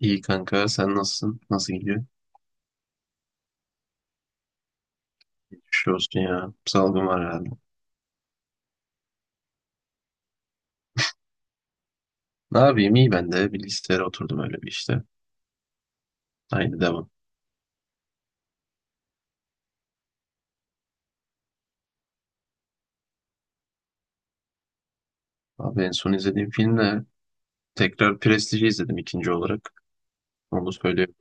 İyi kanka sen nasılsın? Nasıl gidiyor? Geçmiş olsun ya. Salgın var herhalde. Ne yapayım iyi ben de bilgisayara oturdum öyle bir işte. Aynı devam. Abi en son izlediğim film de tekrar Prestige'i izledim ikinci olarak. Onu söyleyeyim.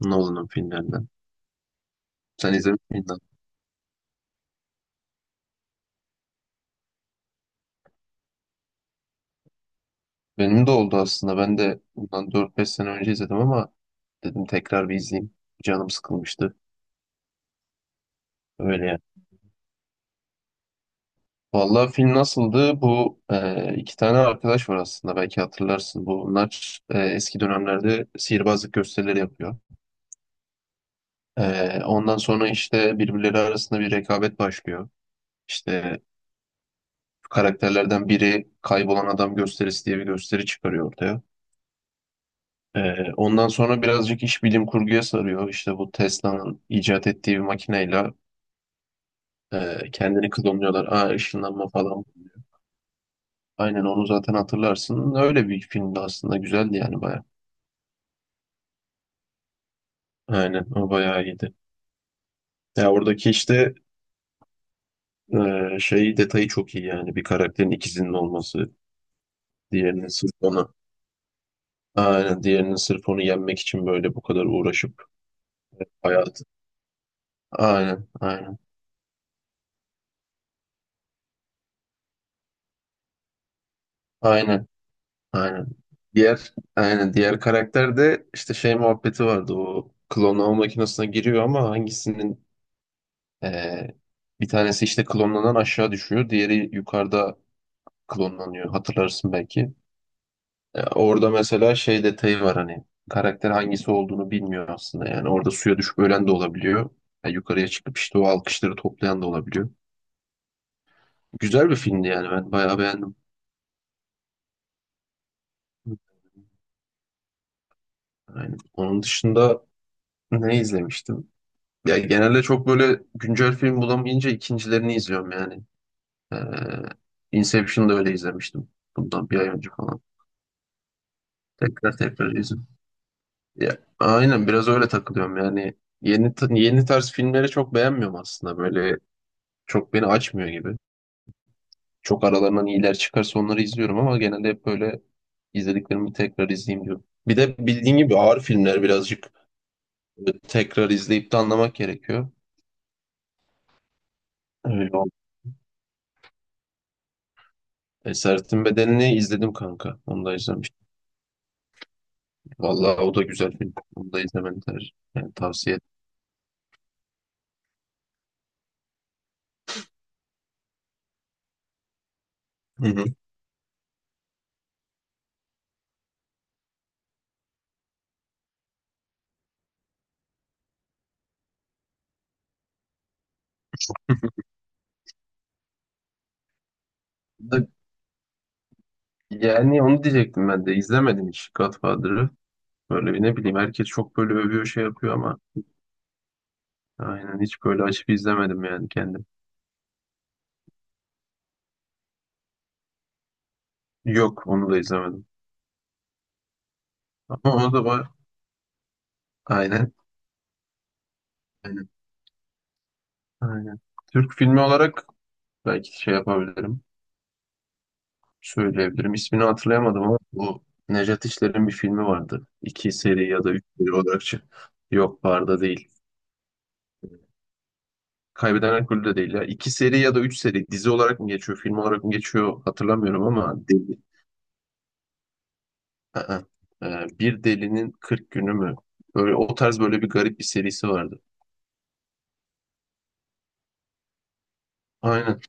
Nolan'ın filmlerinden. Sen izlemiş miydin? Benim de oldu aslında. Ben de bundan 4-5 sene önce izledim ama dedim tekrar bir izleyeyim. Canım sıkılmıştı. Öyle. Vallahi film nasıldı? Bu iki tane arkadaş var aslında belki hatırlarsın. Bunlar eski dönemlerde sihirbazlık gösterileri yapıyor. Ondan sonra işte birbirleri arasında bir rekabet başlıyor. İşte karakterlerden biri kaybolan adam gösterisi diye bir gösteri çıkarıyor ortaya. Ondan sonra birazcık iş bilim kurguya sarıyor. İşte bu Tesla'nın icat ettiği bir makineyle kendini klonluyorlar. Aa, ışınlanma falan. Aynen onu zaten hatırlarsın. Öyle bir filmdi aslında güzeldi yani bayağı. Aynen o bayağı iyiydi. Ya oradaki işte şey detayı çok iyi yani bir karakterin ikizinin olması, diğerinin sırf onu aynen diğerinin sırf onu yenmek için böyle bu kadar uğraşıp hayatı. Aynen, aynen, aynen, aynen. Diğer karakter de işte şey muhabbeti vardı o klonlama makinesine giriyor ama hangisinin e, bir tanesi işte klonlanan aşağı düşüyor, diğeri yukarıda klonlanıyor hatırlarsın belki. Orada mesela şey detayı var hani karakter hangisi olduğunu bilmiyor aslında yani orada suya düşüp ölen de olabiliyor. Yukarıya çıkıp işte o alkışları toplayan da olabiliyor. Güzel bir filmdi yani ben bayağı beğendim. Yani onun dışında ne izlemiştim? Ya genelde çok böyle güncel film bulamayınca ikincilerini izliyorum yani. Ee, Inception'da öyle izlemiştim. Bundan bir ay önce falan. Tekrar tekrar izliyorum. Ya, aynen biraz öyle takılıyorum yani. Yeni tarz filmleri çok beğenmiyorum aslında böyle çok beni açmıyor gibi. Çok aralarından iyiler çıkarsa onları izliyorum ama genelde hep böyle izlediklerimi tekrar izleyeyim diyorum. Bir de bildiğin gibi ağır filmler birazcık tekrar izleyip de anlamak gerekiyor. Öyle oldu. Esaretin Bedeni'ni izledim kanka. Onu da izlemiştim. Vallahi o da güzel film. Onu da izlemeni yani tavsiye ederim. Hı hı. Da- Yani onu diyecektim ben de. İzlemedim hiç Godfather'ı. Böyle bir ne bileyim herkes çok böyle övüyor şey yapıyor ama aynen hiç böyle açıp izlemedim yani kendim. Yok onu da izlemedim. Ama o da var. Aynen. Aynen. Aynen. Türk filmi olarak belki şey yapabilirim. Söyleyebilirim. İsmini hatırlayamadım ama bu Nejat İşler'in bir filmi vardı. İki seri ya da üç seri olarak. Yok barda değil. Kaybeden Alkolü de değil ya. İki seri ya da üç seri. Dizi olarak mı geçiyor, film olarak mı geçiyor hatırlamıyorum ama deli. Aa, bir delinin 40 günü mü? Böyle o tarz böyle bir garip bir serisi vardı. Aynen.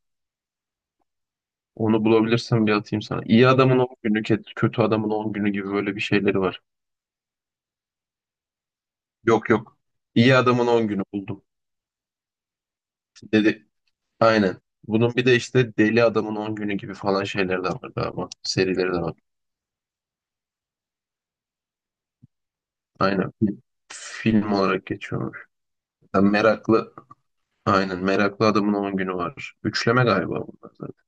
Onu bulabilirsem bir atayım sana. İyi adamın 10 günü, kötü adamın 10 günü gibi böyle bir şeyleri var. Yok, yok. İyi adamın 10 günü buldum. Dedi. Aynen. Bunun bir de işte Deli Adamın 10 günü gibi falan şeyler de var galiba. Serileri de var. Aynen. Film olarak geçiyormuş. Yani meraklı. Aynen. Meraklı Adamın 10 günü var. Üçleme galiba bunlar zaten.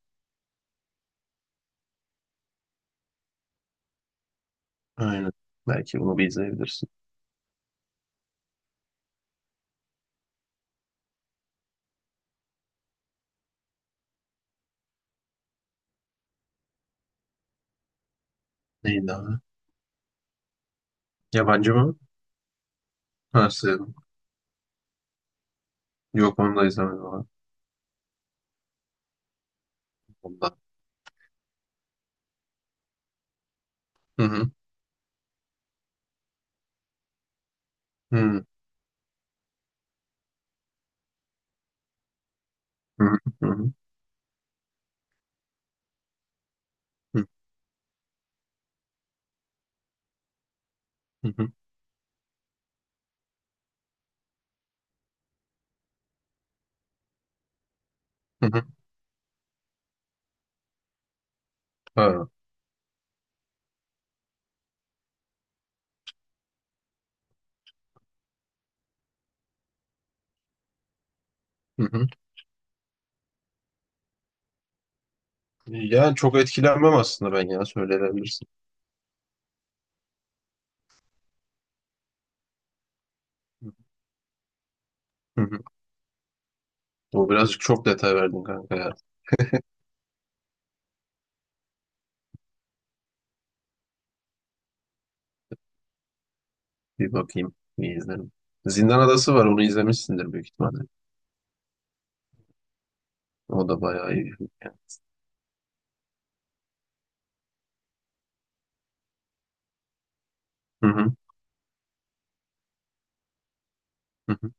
Aynen. Belki bunu bir izleyebilirsin. Neydi abi? Yabancı mı? Ha, sevdim. Yok onu da izlemedim abi. Ondan. Hı hı. Hı hı. Hı hı. Hı hı. Hı hı. Ha. Hı hı. Yani çok etkilenmem aslında ben ya söyleyebilirsin. Hı hı. Bu birazcık çok detay verdin kanka ya. Bir bakayım, bir izlerim. Zindan Adası var, onu izlemişsindir büyük ihtimalle. O da bayağı iyi bir film yani. Hı hı, hı hı.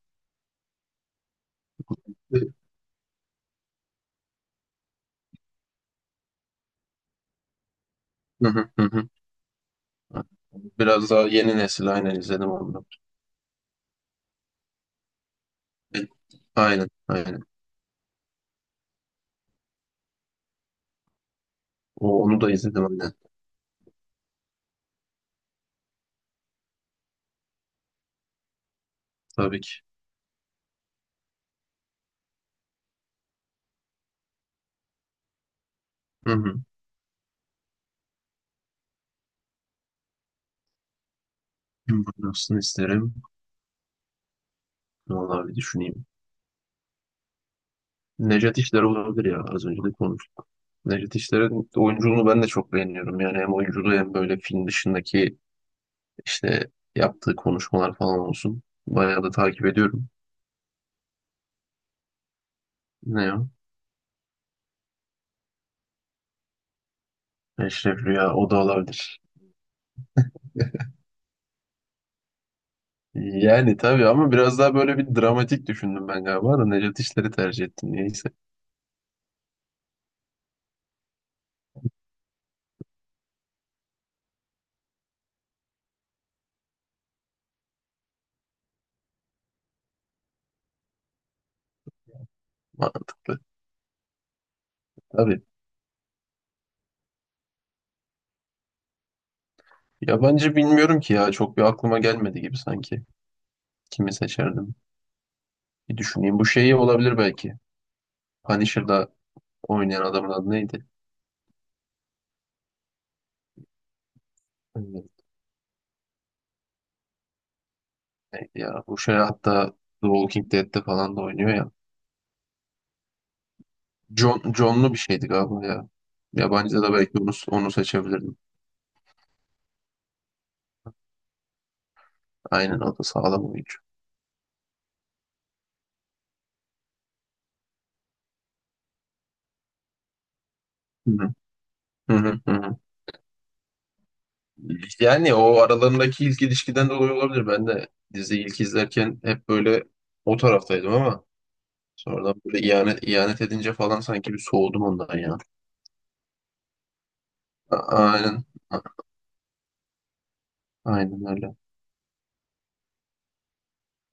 Hı hı, hı hı. Biraz daha yeni nesil aynen izledim onu. Aynen, aynen. Onu da izledim aynen. Tabii ki. Hı hı. Kim Burası'nı isterim. Vallahi bir düşüneyim. Nejat İşler olabilir ya. Az önce de konuştuk. Nejat İşler'in oyunculuğunu ben de çok beğeniyorum. Yani hem oyunculuğu hem böyle film dışındaki İşte yaptığı konuşmalar falan olsun. Bayağı da takip ediyorum. Ne o? Eşref Rüya o da olabilir. Yani tabii ama biraz daha böyle bir dramatik düşündüm ben galiba da Necat İşler'i tercih ettim niyeyse. Mantıklı. Tabii. Yabancı bilmiyorum ki ya. Çok bir aklıma gelmedi gibi sanki. Kimi seçerdim? Bir düşüneyim. Bu şeyi olabilir belki. Punisher'da oynayan adamın adı neydi? Evet, neydi ya? Bu şey hatta The Walking Dead'de falan da oynuyor ya. John'lu bir şeydi galiba ya. Yabancıda da belki onu seçebilirdim. Aynen o da sağlam oyuncu. Hı hı, hı hı, hı hı. Yani o aralarındaki ilk ilişkiden dolayı olabilir. Ben de dizi ilk izlerken hep böyle o taraftaydım ama sonradan böyle ihanet edince falan sanki bir soğudum ondan ya. Aynen. A- Aynen öyle.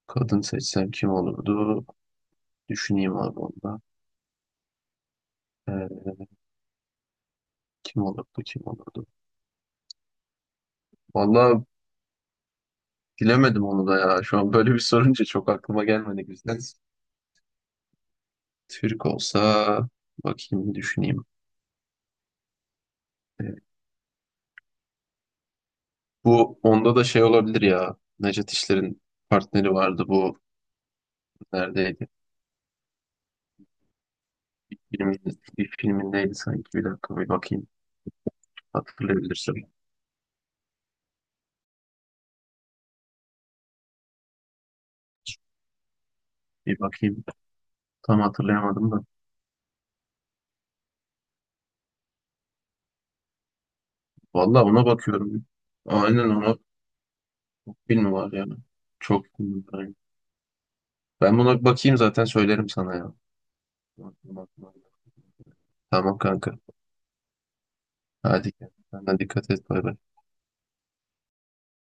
Kadın seçsem kim olurdu? Düşüneyim abi onda. Ee, kim olurdu? Vallahi bilemedim onu da ya. Şu an böyle bir sorunca çok aklıma gelmedi güzel. Türk olsa bakayım düşüneyim. Ee, Bu onda da şey olabilir ya. Nejat İşler'in partneri vardı bu neredeydi? Bir filmin, bir filmindeydi sanki. Bir dakika bir bakayım. Hatırlayabilirsem. Bir bakayım. Tam hatırlayamadım da. Vallahi ona bakıyorum. Aynen ona çok film var yani. Çok film var. Ben buna bakayım zaten söylerim sana ya. Tamam kanka. Hadi kendine dikkat et. Bay bay.